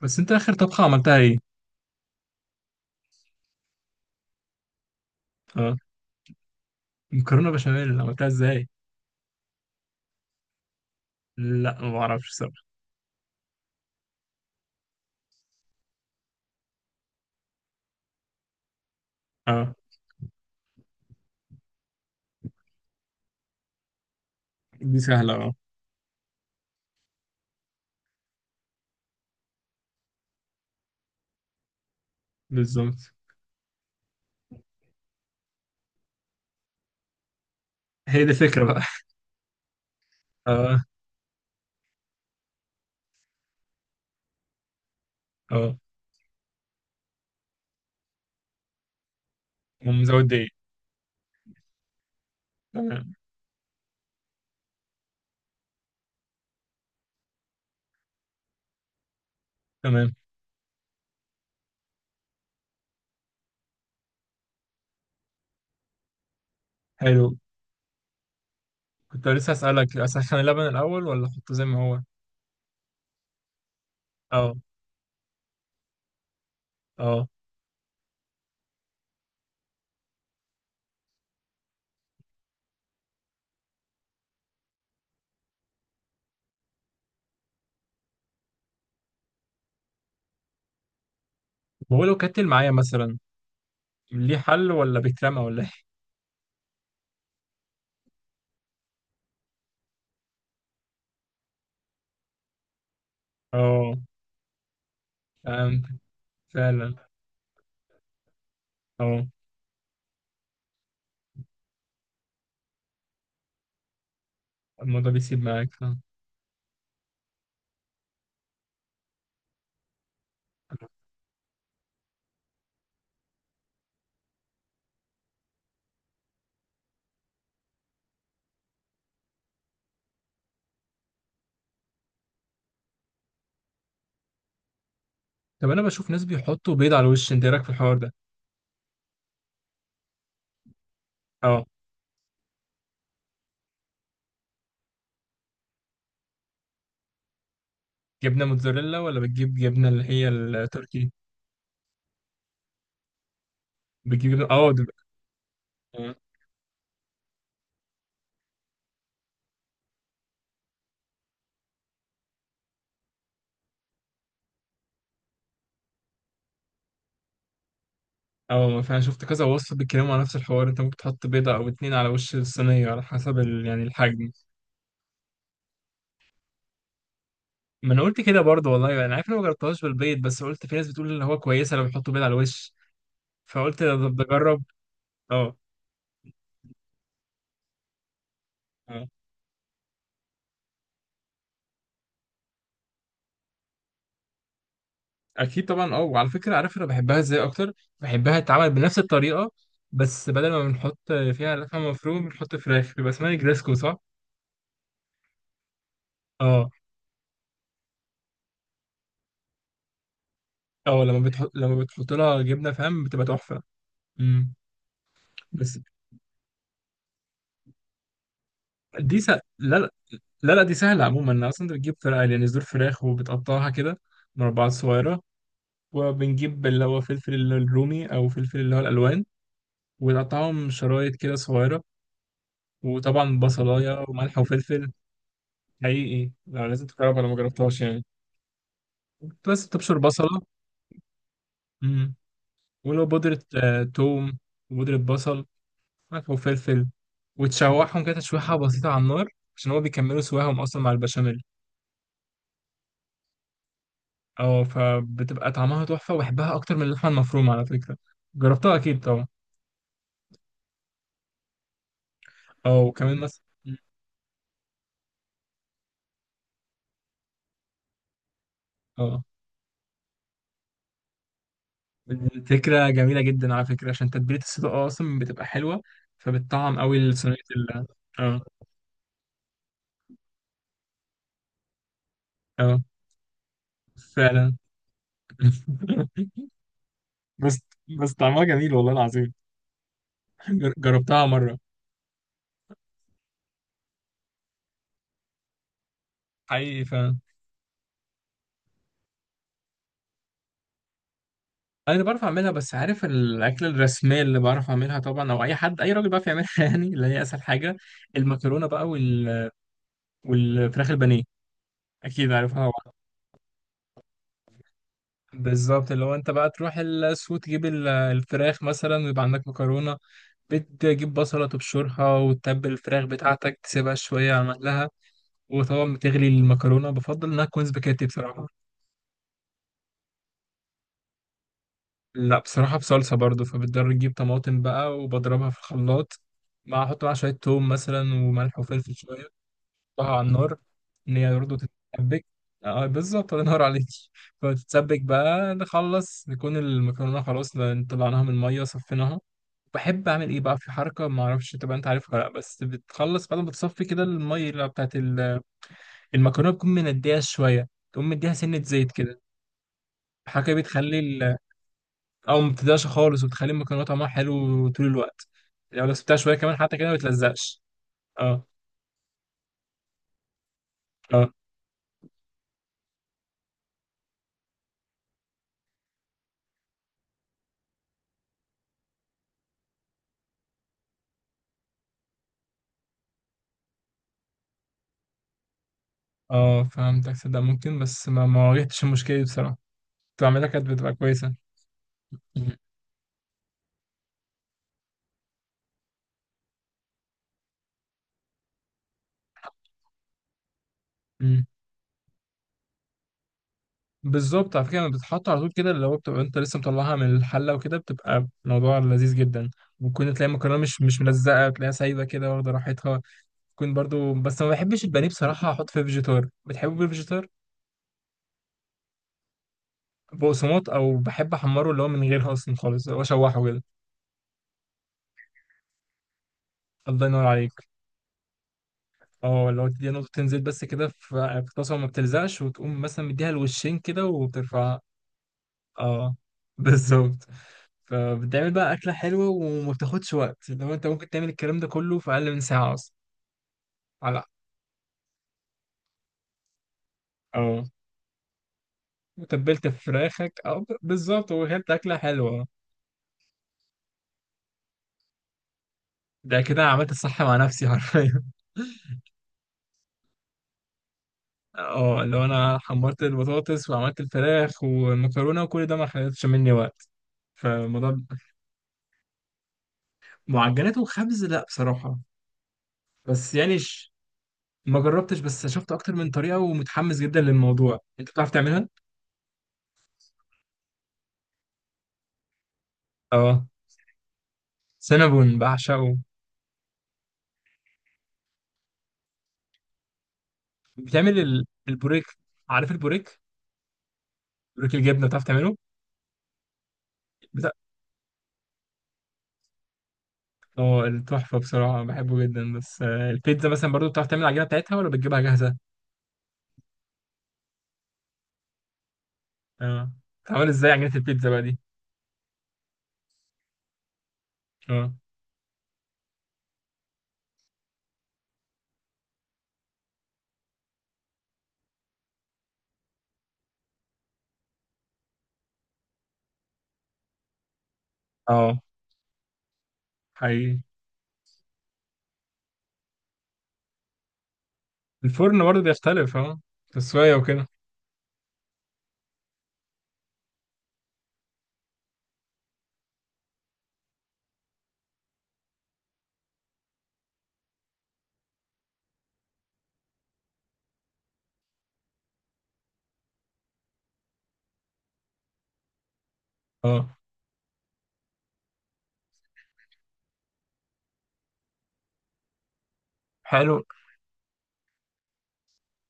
بس انت اخر طبخة عملتها ايه؟ اه. مكرونة بشاميل عملتها ازاي؟ لا ما اعرفش الصراحة. اه. دي سهلة، اه. بالظبط. هي دي الفكرة بقى. اه. اه، ومزود دقيق. تمام، تمام. حلو. كنت لسه اسألك اسخن اللبن الاول ولا احطه زي ما هو؟ اه. اه، وهو لو كتل معايا مثلا ليه حل ولا بيترمى ولا ايه؟ اه، فهمت. فعلا. اه، الموضوع بيسيب معاك فاهم. طب انا بشوف ناس بيحطوا بيض على الوش، انت ايه رايك في الحوار ده؟ اه. جبنه موتزاريلا ولا بتجيب جبنه اللي هي التركي؟ بتجيب جبنه، اه، اه. آه، فانا شفت كذا وصفه بيتكلموا على نفس الحوار، انت ممكن تحط بيضه او اتنين على وش الصينيه على حسب يعني الحجم. ما انا قلت كده برضه والله، انا عارف ان أنا ما جربتهاش بالبيض، بس قلت في ناس بتقول اللي هو كويسه لو بيحطوا بيض على الوش، فقلت ده بجرب. اه. اه، اكيد طبعا. اه، وعلى فكره، عارف انا بحبها ازاي اكتر؟ بحبها تتعمل بنفس الطريقه، بس بدل ما بنحط فيها لحمه مفرومه بنحط فراخ، بيبقى اسمها جريسكو، صح؟ اه. اه، لما بتحط لها جبنه، فاهم، بتبقى تحفه. امم. بس لا. لا، لا، لا، دي سهله عموما، انا اصلا انت بتجيب فرخ يعني صدور فراخ وبتقطعها كده مربعات صغيره. وبنجيب اللي هو فلفل الرومي او فلفل اللي هو الالوان، ونقطعهم شرايط كده صغيره. وطبعا بصلايه وملح وفلفل. حقيقي، لا لازم تجربها لو ما جربتهاش يعني. بس تبشر بصله. امم. ولو بودره، توم. وبودره بصل. ملح وفلفل. وتشوحهم كده تشويحة بسيطة على النار، عشان هو بيكملوا سواهم أصلا مع البشاميل. اه. فبتبقى طعمها تحفة، وبحبها أكتر من اللحمة المفرومة على فكرة. جربتها أكيد طبعا. اه، وكمان مثلا، اه، الفكرة جميلة جدا على فكرة، عشان تتبيلة الصدق أصلا بتبقى حلوة، فبتطعم أوي صينية اه. اه، فعلا. بس بس طعمها جميل والله العظيم. جربتها مرة. حقيقي. انا اللي بعرف اعملها، بس عارف الاكله الرسميه اللي بعرف اعملها طبعا، او اي حد اي راجل بيعرف يعملها يعني اللي هي اسهل حاجه، المكرونه بقى والفراخ البانيه، اكيد عارفها طبعاً. بالظبط، اللي هو انت بقى تروح السوق تجيب الفراخ مثلا، ويبقى عندك مكرونه. بتجيب بصله تبشرها، وتتبل الفراخ بتاعتك، تسيبها شويه على مهلها. وطبعا بتغلي المكرونه، بفضل انها تكون سباكيتي بصراحه. لا، بصراحه بصلصه برضو، فبتضطر تجيب طماطم بقى وبضربها في الخلاط، مع احط معاها شويه توم مثلا وملح وفلفل شويه. تحطها على النار، ان هي برضه تتسبك. اه، بالظبط، الله ينور عليك. فتتسبك بقى، نخلص نكون المكرونه خلاص، طلعناها من الميه، صفيناها. بحب اعمل ايه بقى في حركه، ما اعرفش تبقى انت عارفها ولا لا، بس بتخلص بعد ما بتصفي كده الميه اللي بتاعت المكرونه، بتكون منديها شويه، تقوم مديها سنه زيت كده. الحركه دي بتخلي او ما بتديهاش خالص، وبتخلي المكرونه طعمها حلو طول الوقت. لو سبتها شويه كمان حتى كده ما بتلزقش. اه. اه. اه، فهمتك، صدق ممكن، بس ما واجهتش المشكله دي بصراحه. بتعملها كانت بتبقى كويسة. مم. مم. بالظبط، على فكرة لما بتتحط على طول كده، اللي هو بتبقى انت لسه مطلعها من الحلة وكده، بتبقى موضوع لذيذ جدا. ممكن تلاقي المكرونة مش ملزقة، تلاقيها سايبة كده واخدة راحتها. تكون برضو، بس ما بحبش البانيه بصراحة احط فيه فيجيتار، بتحبه بالفيجيتار؟ بقسماط، او بحب احمره اللي هو من غيرها اصلا خالص، اللي هو اشوحه كده. الله ينور عليك. اه، اللي هو تديها نقطتين زيت بس كده في طاسة، وما بتلزقش، وتقوم مثلا مديها الوشين كده وبترفعها. اه، بالظبط. فبتعمل بقى أكلة حلوة، وما بتاخدش وقت، لو أنت ممكن تعمل الكلام ده كله في أقل من ساعة أصلا. على اه، وتبلت فراخك أو بالظبط، وكانت أكلة حلوة. ده كده عملت الصح مع نفسي حرفيا. اه، لو أنا حمرت البطاطس وعملت الفراخ والمكرونة وكل ده ما خدتش مني وقت. فالموضوع معجنات وخبز، لا بصراحة. بس يعني ما جربتش، بس شفت أكتر من طريقة ومتحمس جدا للموضوع، أنت بتعرف تعملها؟ اه. سينابون بعشقه. بتعمل البوريك. عارف البوريك. بوريك الجبنه بتعرف تعمله؟ بتاع. اه، التحفه بصراحه بحبه جدا، بس، البيتزا مثلا برضو بتعرف تعمل العجينه بتاعتها ولا بتجيبها جاهزه؟ اه. بتعمل ازاي عجينه البيتزا بقى دي؟ اه. اه، حقيقي. الفرن برضو بيختلف، اه، تسويه وكده. اه. حلو.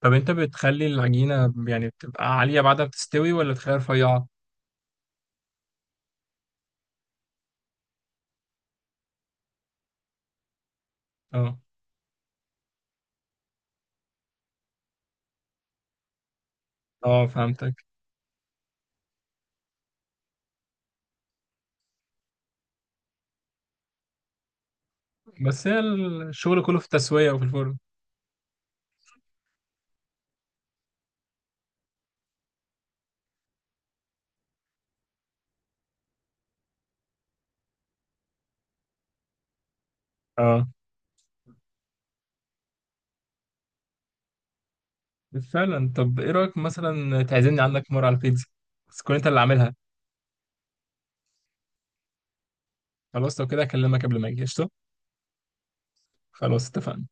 طب انت بتخلي العجينه يعني بتبقى عاليه بعدها بتستوي ولا تخليها رفيعه؟ اه. اه، فهمتك. بس هي الشغل كله في التسويه وفي الفرن. اه، فعلا. طب ايه رايك مثلا تعزمني عندك مره على البيتزا، بس تكون انت اللي عاملها؟ خلاص، لو كده اكلمك قبل ما اجي قشطه. خلاص، اتفقنا.